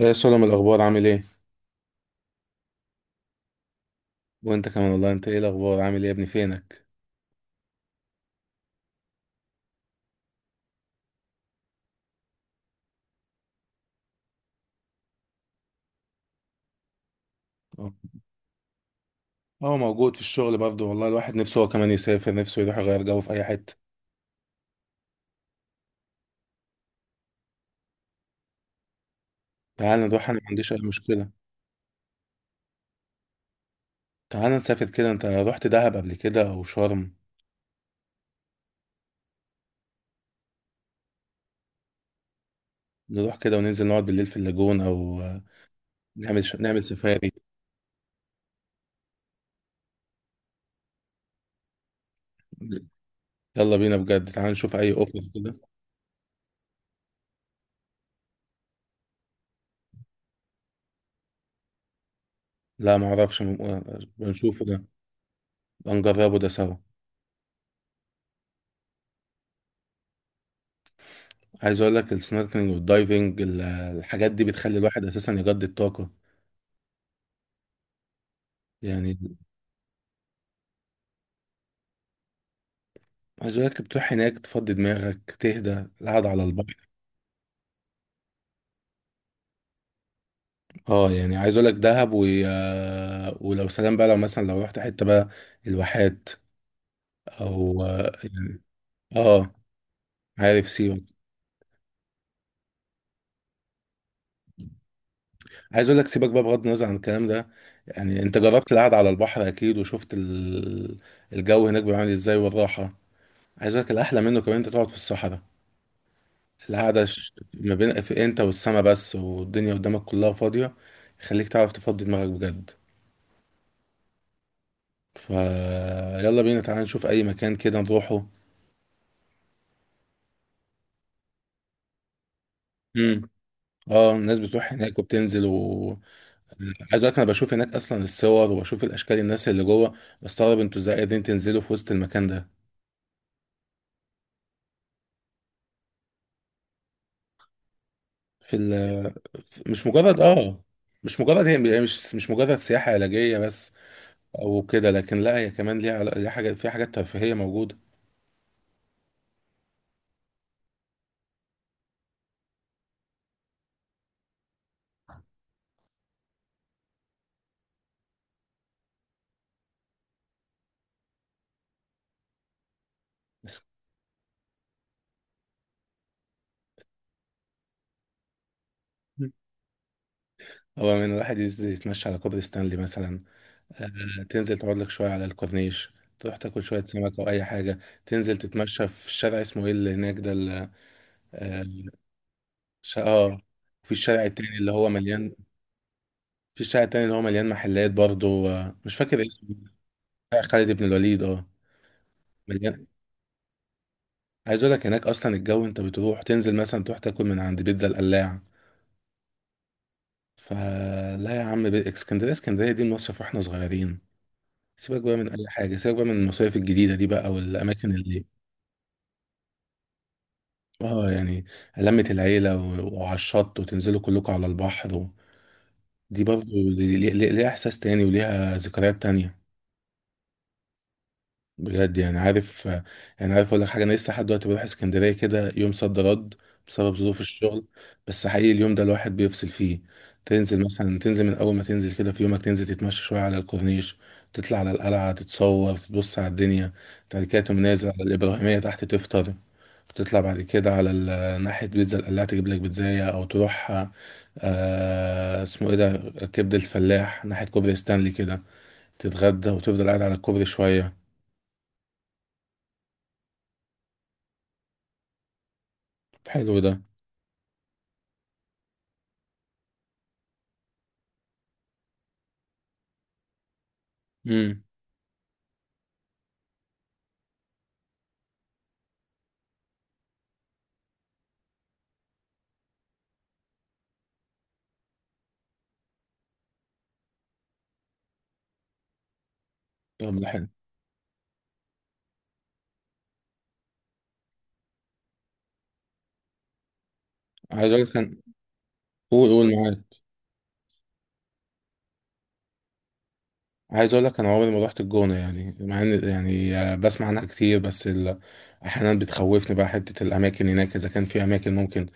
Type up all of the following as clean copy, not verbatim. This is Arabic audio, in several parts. ايه، سلم. الاخبار عامل ايه؟ وانت كمان والله. انت ايه الاخبار؟ عامل ايه يا ابني؟ فينك؟ اه. موجود في الشغل برضه والله، الواحد نفسه هو كمان يسافر، نفسه يروح يغير جو في اي حته. تعال نروح، انا ما عنديش اي مشكله. تعال نسافر كده. انت رحت دهب قبل كده او شرم؟ نروح كده وننزل نقعد بالليل في اللاجون، او نعمل سفاري. يلا بينا بجد، تعال نشوف اي اوفر كده. لا ما اعرفش، م... آه، بنشوفه ده. بنجربه ده سوا. عايز اقول لك، السنوركلينج والدايفنج الحاجات دي بتخلي الواحد اساسا يجدد طاقه يعني. عايز اقول لك بتروح هناك تفضي دماغك، تهدى القعدة على البحر. اه يعني، عايز اقول لك دهب و... آه، ولو سلام بقى، لو مثلا لو رحت حتة بقى، الواحات او آه، عارف سيوة. عايز اقول لك سيبك بقى بغض النظر عن الكلام ده. يعني انت جربت القعدة على البحر اكيد، وشفت الجو هناك بيعمل ازاي والراحة. عايز اقول لك، الاحلى منه كمان انت تقعد في الصحراء. القعدة ما بين في انت والسما بس، والدنيا قدامك كلها فاضية. يخليك تعرف تفضي دماغك بجد. فيلا بينا، تعالى نشوف اي مكان كده نروحه. امم. اه، الناس بتروح هناك وبتنزل و... عايز اقول لك انا بشوف هناك اصلا الصور، وبشوف الاشكال، الناس اللي جوه. بستغرب انتوا ازاي قادرين تنزلوا في وسط المكان ده. في ال في- مش مجرد اه مش مجرد سياحة علاجية بس. او كده، لكن لا هي كمان ليها حاجة، فيها حاجات ترفيهية موجودة. بس هو من الواحد يتمشى على كوبري ستانلي مثلا. تنزل تقعد لك شوية على الكورنيش، تروح تاكل شوية سمك أو أي حاجة. تنزل تتمشى في الشارع، اسمه إيه اللي هناك ده، آه ش- آه في الشارع التاني اللي هو مليان في الشارع التاني اللي هو مليان محلات برضه، مش فاكر اسمه. شارع خالد بن الوليد، اه. مليان. عايز أقول لك هناك أصلا الجو. أنت بتروح تنزل مثلا تروح تاكل من عند بيتزا القلاع. فلا يا عم، اسكندرية دي المصيف واحنا صغيرين. سيبك بقى من أي حاجة، سيبك بقى من المصايف الجديدة دي بقى والأماكن اللي... اه يعني، لمة العيلة وعلى الشط، وتنزلوا كلكم على البحر. و... دي برضو، ليها احساس تاني وليها ذكريات تانية. بجد يعني. عارف، اقول لك حاجة: انا لسه لحد دلوقتي بروح اسكندرية كده يوم صد رد بسبب ظروف الشغل. بس حقيقي اليوم ده الواحد بيفصل فيه. تنزل من اول ما تنزل كده في يومك، تنزل تتمشى شوية على الكورنيش. تطلع على القلعة، تتصور، تبص على الدنيا. بعد كده تقوم نازل على الإبراهيمية تحت تفطر. بتطلع بعد كده على ناحية بيتزا القلاع، تجيب لك بيتزاية أو تروح... اسمه إيه ده؟ كبدة الفلاح، ناحية كوبري ستانلي كده. تتغدى، وتفضل قاعد على الكوبري شوية. حلو ده. امم. طب ده حلو. عايز أقول لك أنا... قول، قول معاك. عايز أقول لك أنا عمري ما رحت الجونة، يعني مع إن يعني، بسمع عنها كتير، بس أحيانا بتخوفني بقى حتة الأماكن هناك، إذا كان في أماكن ممكن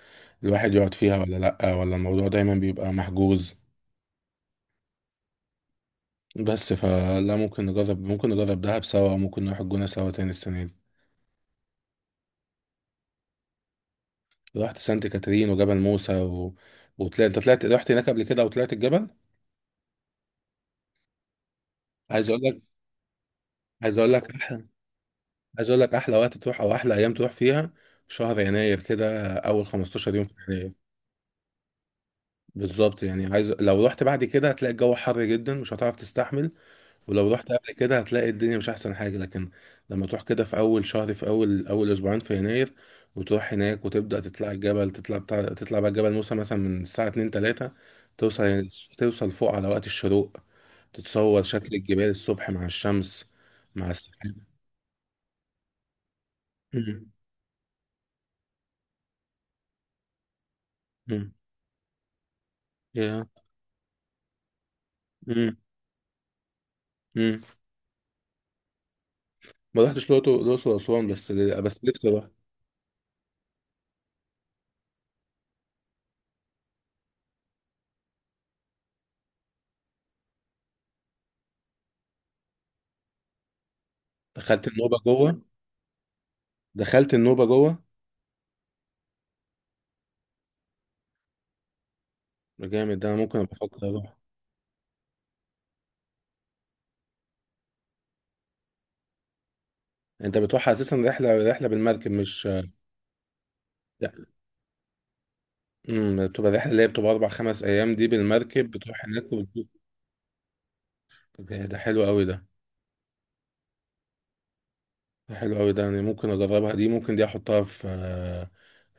الواحد يقعد فيها ولا لأ، ولا الموضوع دايما بيبقى محجوز. بس فلا، ممكن نجرب، ممكن نجرب دهب سوا، ممكن نروح الجونة سوا تاني السنة دي. رحت سانت كاترين وجبل موسى انت طلعت رحت هناك قبل كده، وطلعت الجبل. عايز اقول لك عايز اقول لك احلى عايز اقول لك احلى وقت تروح، او احلى ايام تروح فيها، شهر يناير كده، اول 15 يوم في يناير. بالظبط يعني عايز، لو رحت بعد كده هتلاقي الجو حر جدا مش هتعرف تستحمل. ولو رحت قبل كده هتلاقي الدنيا مش احسن حاجة. لكن لما تروح كده في اول شهر، في اول اسبوعين في يناير، وتروح هناك وتبدأ تطلع الجبل، تطلع بقى جبل موسى مثلا من الساعة 2 3، توصل توصل فوق على وقت الشروق. تتصور شكل الجبال الصبح مع الشمس، مع السحاب. مم. مم. يا. مم. مم. ما رحتش الأقصر. الأقصر وأسوان، بس بس نفسي أروح. دخلت النوبة جوه؟ دخلت النوبة جوه. ده جامد ده، أنا ممكن أبقى أفكر أروح. انت بتروح اساسا رحله، بالمركب مش؟ لا. امم. بتبقى الرحله اللي هي بتبقى 4 5 ايام دي بالمركب، بتروح هناك وبتشوف. طب إيه ده حلو قوي ده. ده حلو قوي ده، يعني ممكن اجربها دي، ممكن دي احطها في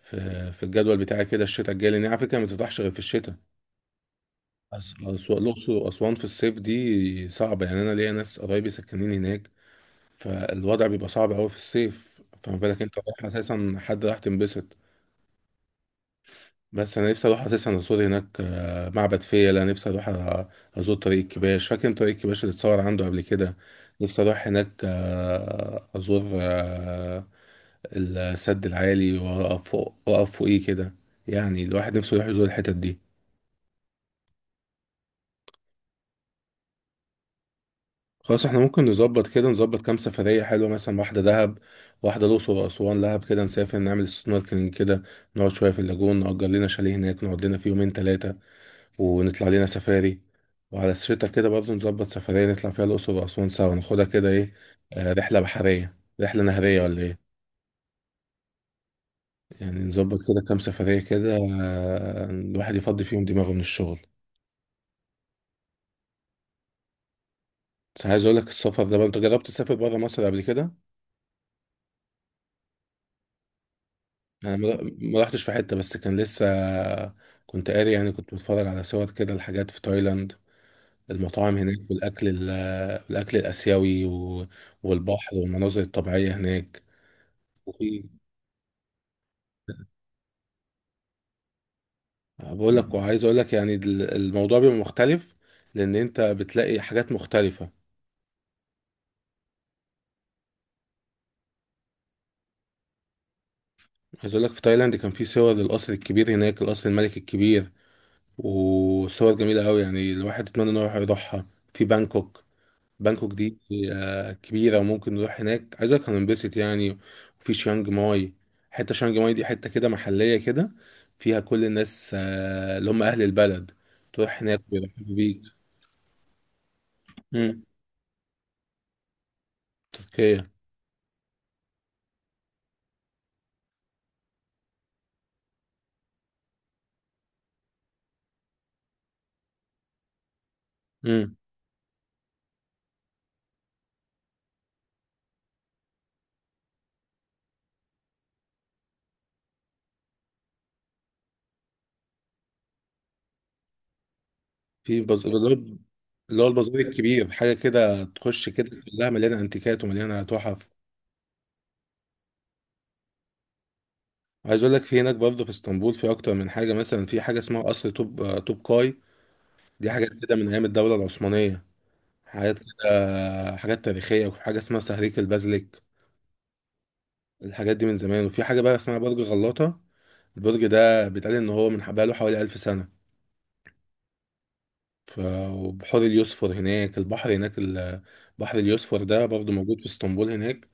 في في الجدول بتاعي كده الشتاء الجاي، لان هي على فكره ما بتفتحش غير في الشتاء. أس- أس- الاقصر واسوان في الصيف دي صعبه يعني. انا ليا ناس قرايبي ساكنين هناك، فالوضع بيبقى صعب قوي في الصيف، فما بالك انت رايح اساسا. حد راح تنبسط. بس انا نفسي اروح اساسا ازور هناك، معبد فيلة. نفسي اروح ازور طريق الكباش، فاكر إن طريق الكباش اللي اتصور عنده قبل كده. نفسي اروح هناك، ازور، السد العالي، واقف فوق، واقف فوقيه كده. يعني الواحد نفسه يروح يزور الحتت دي. خلاص، احنا ممكن نظبط كده، نظبط كام سفرية حلوة، مثلا واحدة دهب، واحدة الأقصر وأسوان. دهب كده نسافر نعمل سنوركلينج كده، نقعد شوية في اللاجون، نأجر لنا شاليه هناك نقعد لنا فيه يومين تلاتة، ونطلع لينا سفاري. وعلى الشتا كده برضه نظبط سفرية نطلع فيها الأقصر وأسوان سوا، ناخدها كده إيه، رحلة بحرية، رحلة نهرية ولا إيه. يعني نظبط كده كام سفرية كده، الواحد يفضي فيهم دماغه من الشغل. بس عايز أقول لك السفر ده بقى، أنت جربت تسافر برا مصر قبل كده؟ أنا ما رحتش في حتة، بس كان لسه. كنت قاري يعني، كنت بتفرج على صور كده، الحاجات في تايلاند، المطاعم هناك والأكل الأكل الآسيوي والبحر والمناظر الطبيعية هناك. وفي. بقول لك، وعايز اقول لك يعني الموضوع بيبقى مختلف، لان انت بتلاقي حاجات مختلفه. عايز اقول لك، في تايلاند كان في صور للقصر الكبير هناك، القصر الملك الكبير، وصور جميله قوي يعني الواحد يتمنى انه يروح يروحها، في بانكوك. بانكوك دي، كبيره وممكن نروح هناك. عايز اقول لك هننبسط يعني. وفي شيانج ماي. حته شيانج ماي دي حته كده محليه كده، فيها كل الناس، اللي هم اهل البلد، تروح هناك بيرحبوا بيك. مم. تركيا. في بازار، اللي هو البازار الكبير، حاجة كده تخش كده كلها مليانة انتيكات ومليانة تحف. عايز اقول لك، في هناك برضه في اسطنبول في اكتر من حاجة، مثلا في حاجة اسمها قصر توب، توب كاي. دي حاجات كده من ايام الدولة العثمانية، حاجات كده حاجات تاريخية. وفي حاجة اسمها سهريك البازليك. الحاجات دي من زمان. وفي حاجة بقى اسمها برج غلاطة، البرج ده بيتقال ان هو من بقاله حوالي 1000 سنة. ف... وبحور اليوسفر هناك، البحر هناك بحر اليوسفر ده برضه موجود في اسطنبول هناك.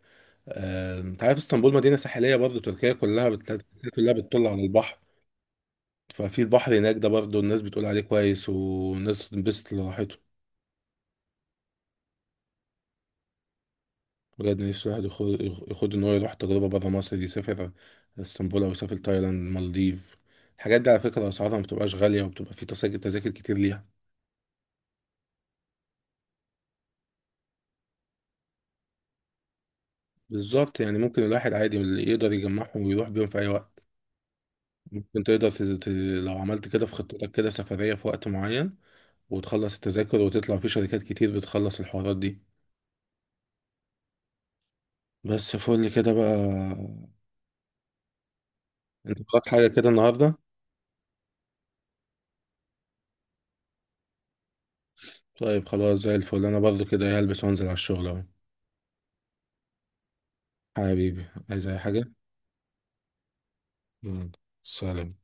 انت عارف اسطنبول مدينة ساحلية برضه. تركيا كلها تركيا كلها بتطل على البحر. ففي البحر هناك ده برضه الناس بتقول عليه كويس، والناس بتنبسط لراحته. بجد نفسي الواحد يخد ان هو يروح تجربة برا مصر دي، يسافر اسطنبول او يسافر تايلاند، المالديف. الحاجات دي على فكرة اسعارها ما بتبقاش غالية، وبتبقى في تذاكر كتير ليها. بالظبط يعني، ممكن الواحد عادي اللي يقدر يجمعهم ويروح بيهم في اي وقت. ممكن تقدر لو عملت كده في خطتك كده سفرية في وقت معين، وتخلص التذاكر، وتطلع في شركات كتير بتخلص الحوارات دي. بس فل كده بقى. انت وراك حاجة كده النهاردة؟ طيب خلاص، زي الفل، انا برضو كده هلبس وانزل على الشغل اهو. حبيبي، عايز اي حاجة؟ يلا. سلام.